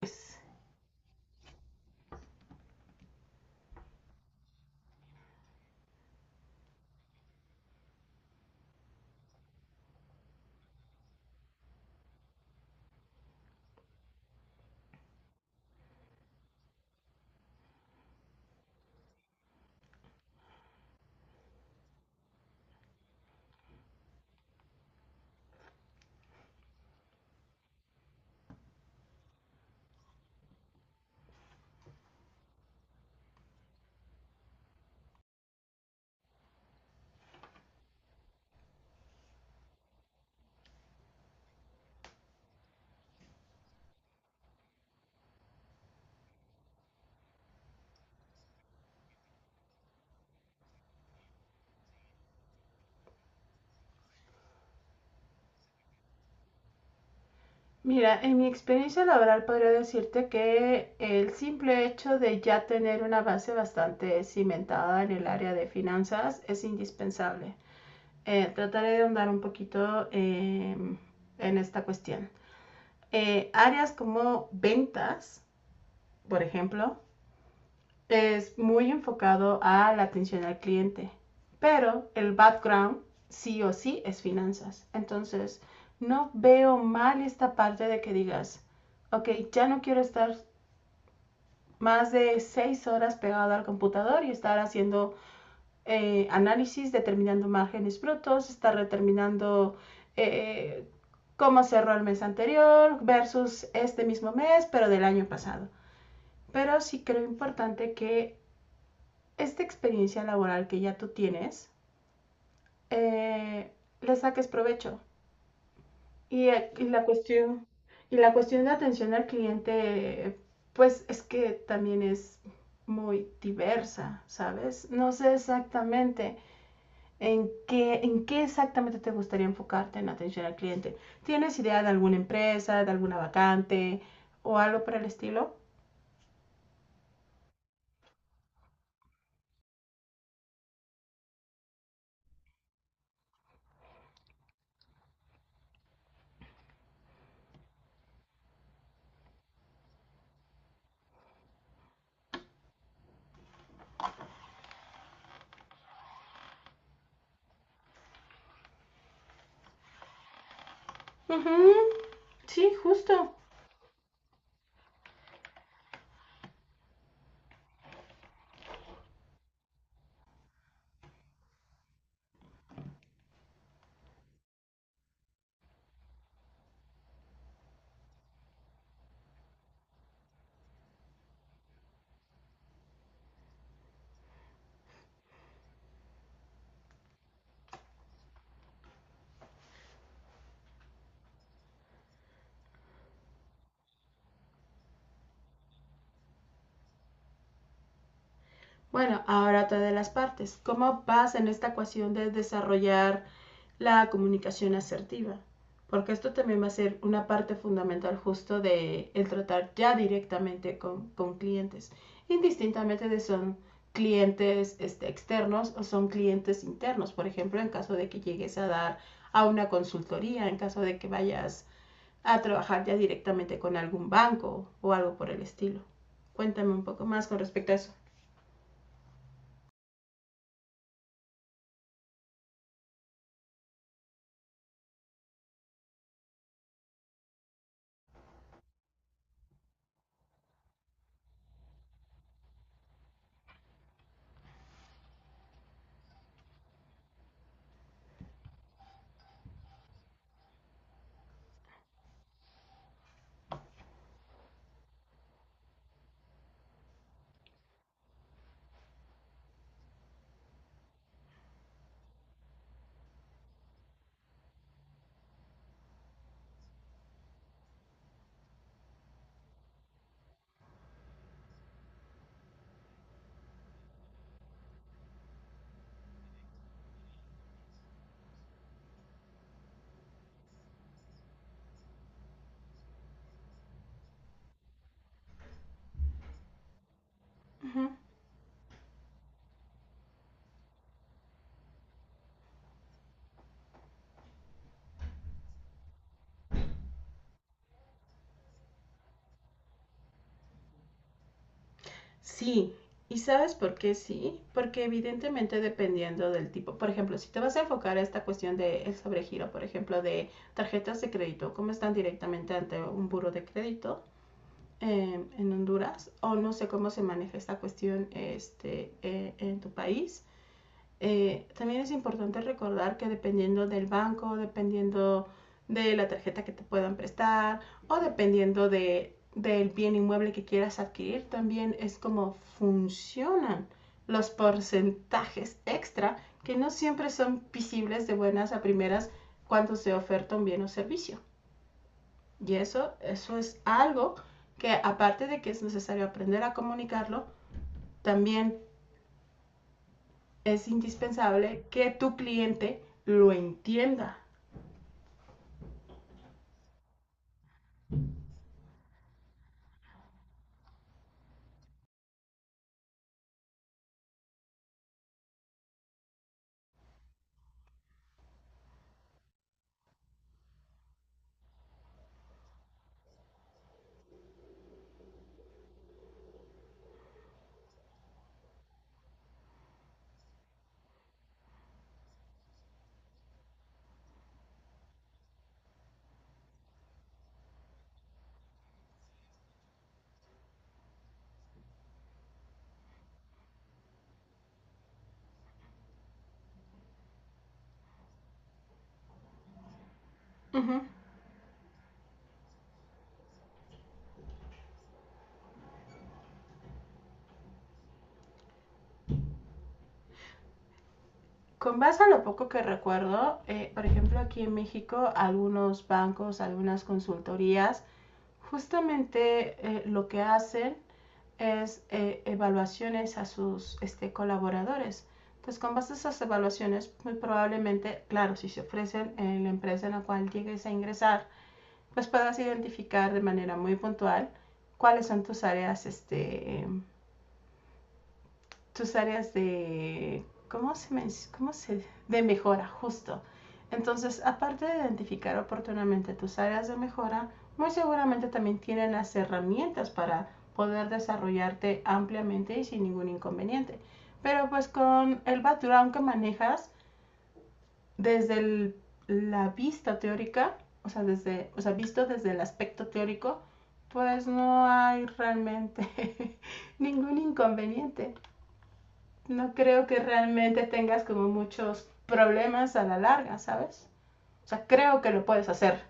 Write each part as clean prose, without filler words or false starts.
Pues, mira, en mi experiencia laboral podría decirte que el simple hecho de ya tener una base bastante cimentada en el área de finanzas es indispensable. Trataré de ahondar un poquito en esta cuestión. Áreas como ventas, por ejemplo, es muy enfocado a la atención al cliente, pero el background sí o sí es finanzas. Entonces, no veo mal esta parte de que digas, ok, ya no quiero estar más de seis horas pegado al computador y estar haciendo análisis, determinando márgenes brutos, estar determinando eh, cómo cerró el mes anterior versus este mismo mes, pero del año pasado. Pero sí creo importante que esta experiencia laboral que ya tú tienes, eh, le saques provecho. Y, y, la cuestión, y la cuestión de atención al cliente, pues es que también es muy diversa, ¿sabes? No sé exactamente en qué exactamente te gustaría enfocarte en atención al cliente. ¿Tienes idea de alguna empresa, de alguna vacante o algo por el estilo? Uh -huh. Sí, justo. Bueno, ahora otra de las partes. ¿Cómo vas en esta ecuación de desarrollar la comunicación asertiva? Porque esto también va a ser una parte fundamental justo de el tratar ya directamente con clientes, indistintamente de si son clientes este, externos o son clientes internos. Por ejemplo, en caso de que llegues a dar a una consultoría, en caso de que vayas a trabajar ya directamente con algún banco o algo por el estilo. Cuéntame un poco más con respecto a eso. Uh -huh. Sí, ¿y sabes por qué sí? Porque evidentemente dependiendo del tipo, por ejemplo, si te vas a enfocar a esta cuestión del sobregiro, por ejemplo, de tarjetas de crédito, cómo están directamente ante un buro de crédito en Honduras, o no sé cómo se maneja esta cuestión este, en tu país, también es importante recordar que dependiendo del banco, dependiendo de la tarjeta que te puedan prestar o dependiendo del bien inmueble que quieras adquirir, también es como funcionan los porcentajes extra que no siempre son visibles de buenas a primeras cuando se oferta un bien o servicio. Eso es algo que aparte de que es necesario aprender a comunicarlo, también es indispensable que tu cliente lo entienda. Uh-huh. Con base a lo poco que recuerdo, por ejemplo, aquí en México, algunos bancos, algunas consultorías, justamente lo que hacen es evaluaciones a sus este, colaboradores. Entonces, con base a esas evaluaciones, muy probablemente, claro, si se ofrecen en la empresa en la cual llegues a ingresar, pues puedas identificar de manera muy puntual cuáles son tus áreas este, tus áreas de, de mejora, justo. Entonces, aparte de identificar oportunamente tus áreas de mejora, muy seguramente también tienen las herramientas para poder desarrollarte ampliamente y sin ningún inconveniente. Pero pues con el background que manejas, desde el- la vista teórica, o sea, visto desde el aspecto teórico, pues no hay realmente ningún inconveniente, no creo que realmente tengas como muchos problemas a la larga, ¿sabes? O sea, creo que lo puedes hacer.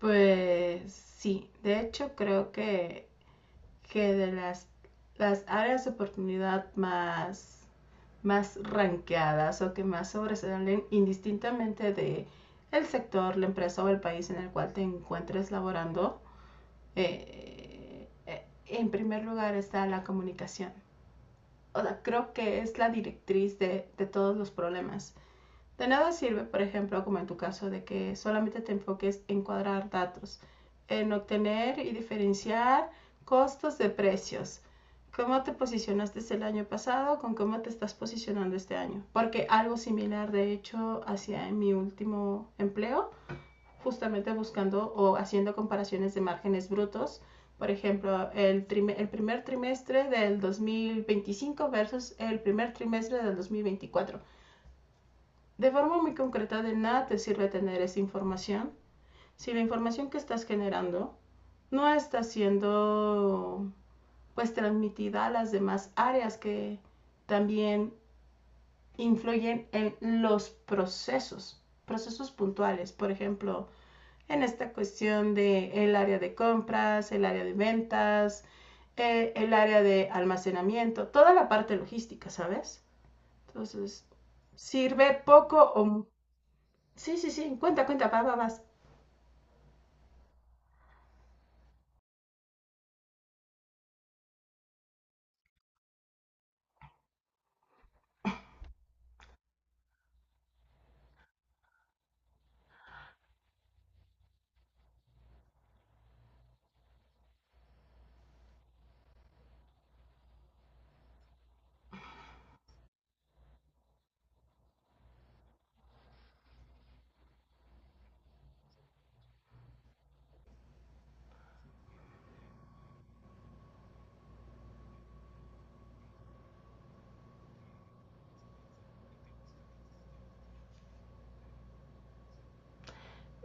Pues sí, de hecho creo que las áreas de oportunidad más ranqueadas o que más sobresalen indistintamente de el sector, la empresa o el país en el cual te encuentres laborando, en primer lugar está la comunicación, o sea, creo que es la directriz de todos los problemas. De nada sirve, por ejemplo, como en tu caso, de que solamente te enfoques en cuadrar datos, en obtener y diferenciar costos de precios. ¿Cómo te posicionaste el año pasado con cómo te estás posicionando este año? Porque algo similar, de hecho, hacía en mi último empleo justamente buscando o haciendo comparaciones de márgenes brutos. Por ejemplo, el primer trimestre del 2025 versus el primer trimestre del 2024. De forma muy concreta, de nada te sirve tener esa información si la información que estás generando no está siendo pues transmitida a las demás áreas que también influyen en los procesos, procesos puntuales. Por ejemplo, en esta cuestión de el área de compras, el área de ventas, el área de almacenamiento, toda la parte logística, ¿sabes? Entonces, sirve poco o... Sí, sí, sí, cuenta, cuenta, va, va, vas.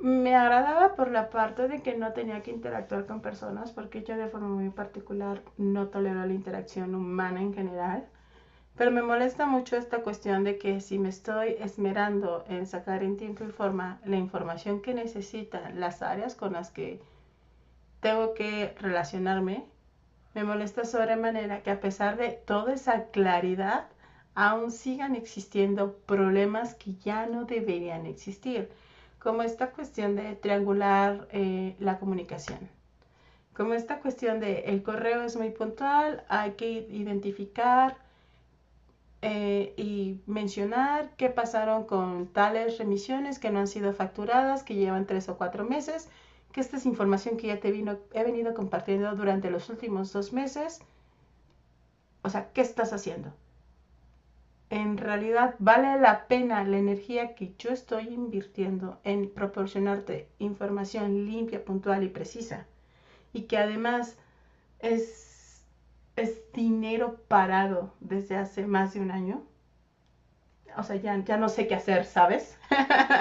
Me agradaba por la parte de que no tenía que interactuar con personas, porque yo de forma muy particular no tolero la interacción humana en general. Pero me molesta mucho esta cuestión de que si me estoy esmerando en sacar en tiempo y forma la información que necesita las áreas con las que tengo que relacionarme, me molesta sobremanera que a pesar de toda esa claridad, aún sigan existiendo problemas que ya no deberían existir, como esta cuestión de triangular la comunicación, como esta cuestión de el correo es muy puntual, hay que identificar y mencionar qué pasaron con tales remisiones que no han sido facturadas, que llevan tres o cuatro meses, que esta es información que ya te vino, he venido compartiendo durante los últimos dos meses. O sea, ¿qué estás haciendo? En realidad vale la pena la energía que yo estoy invirtiendo en proporcionarte información limpia, puntual y precisa. Y que además es, es dinero parado desde hace más de un año. O sea, ya no sé qué hacer, ¿sabes?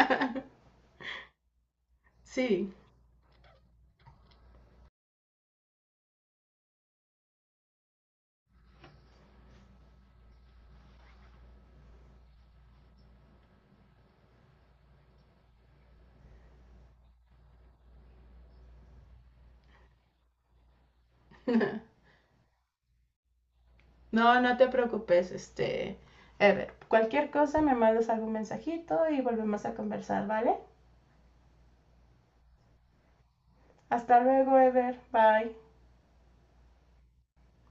Sí, no, no te preocupes, este, Ever. Cualquier cosa me mandas algún mensajito y volvemos a conversar, ¿vale? Hasta luego, Ever. Bye.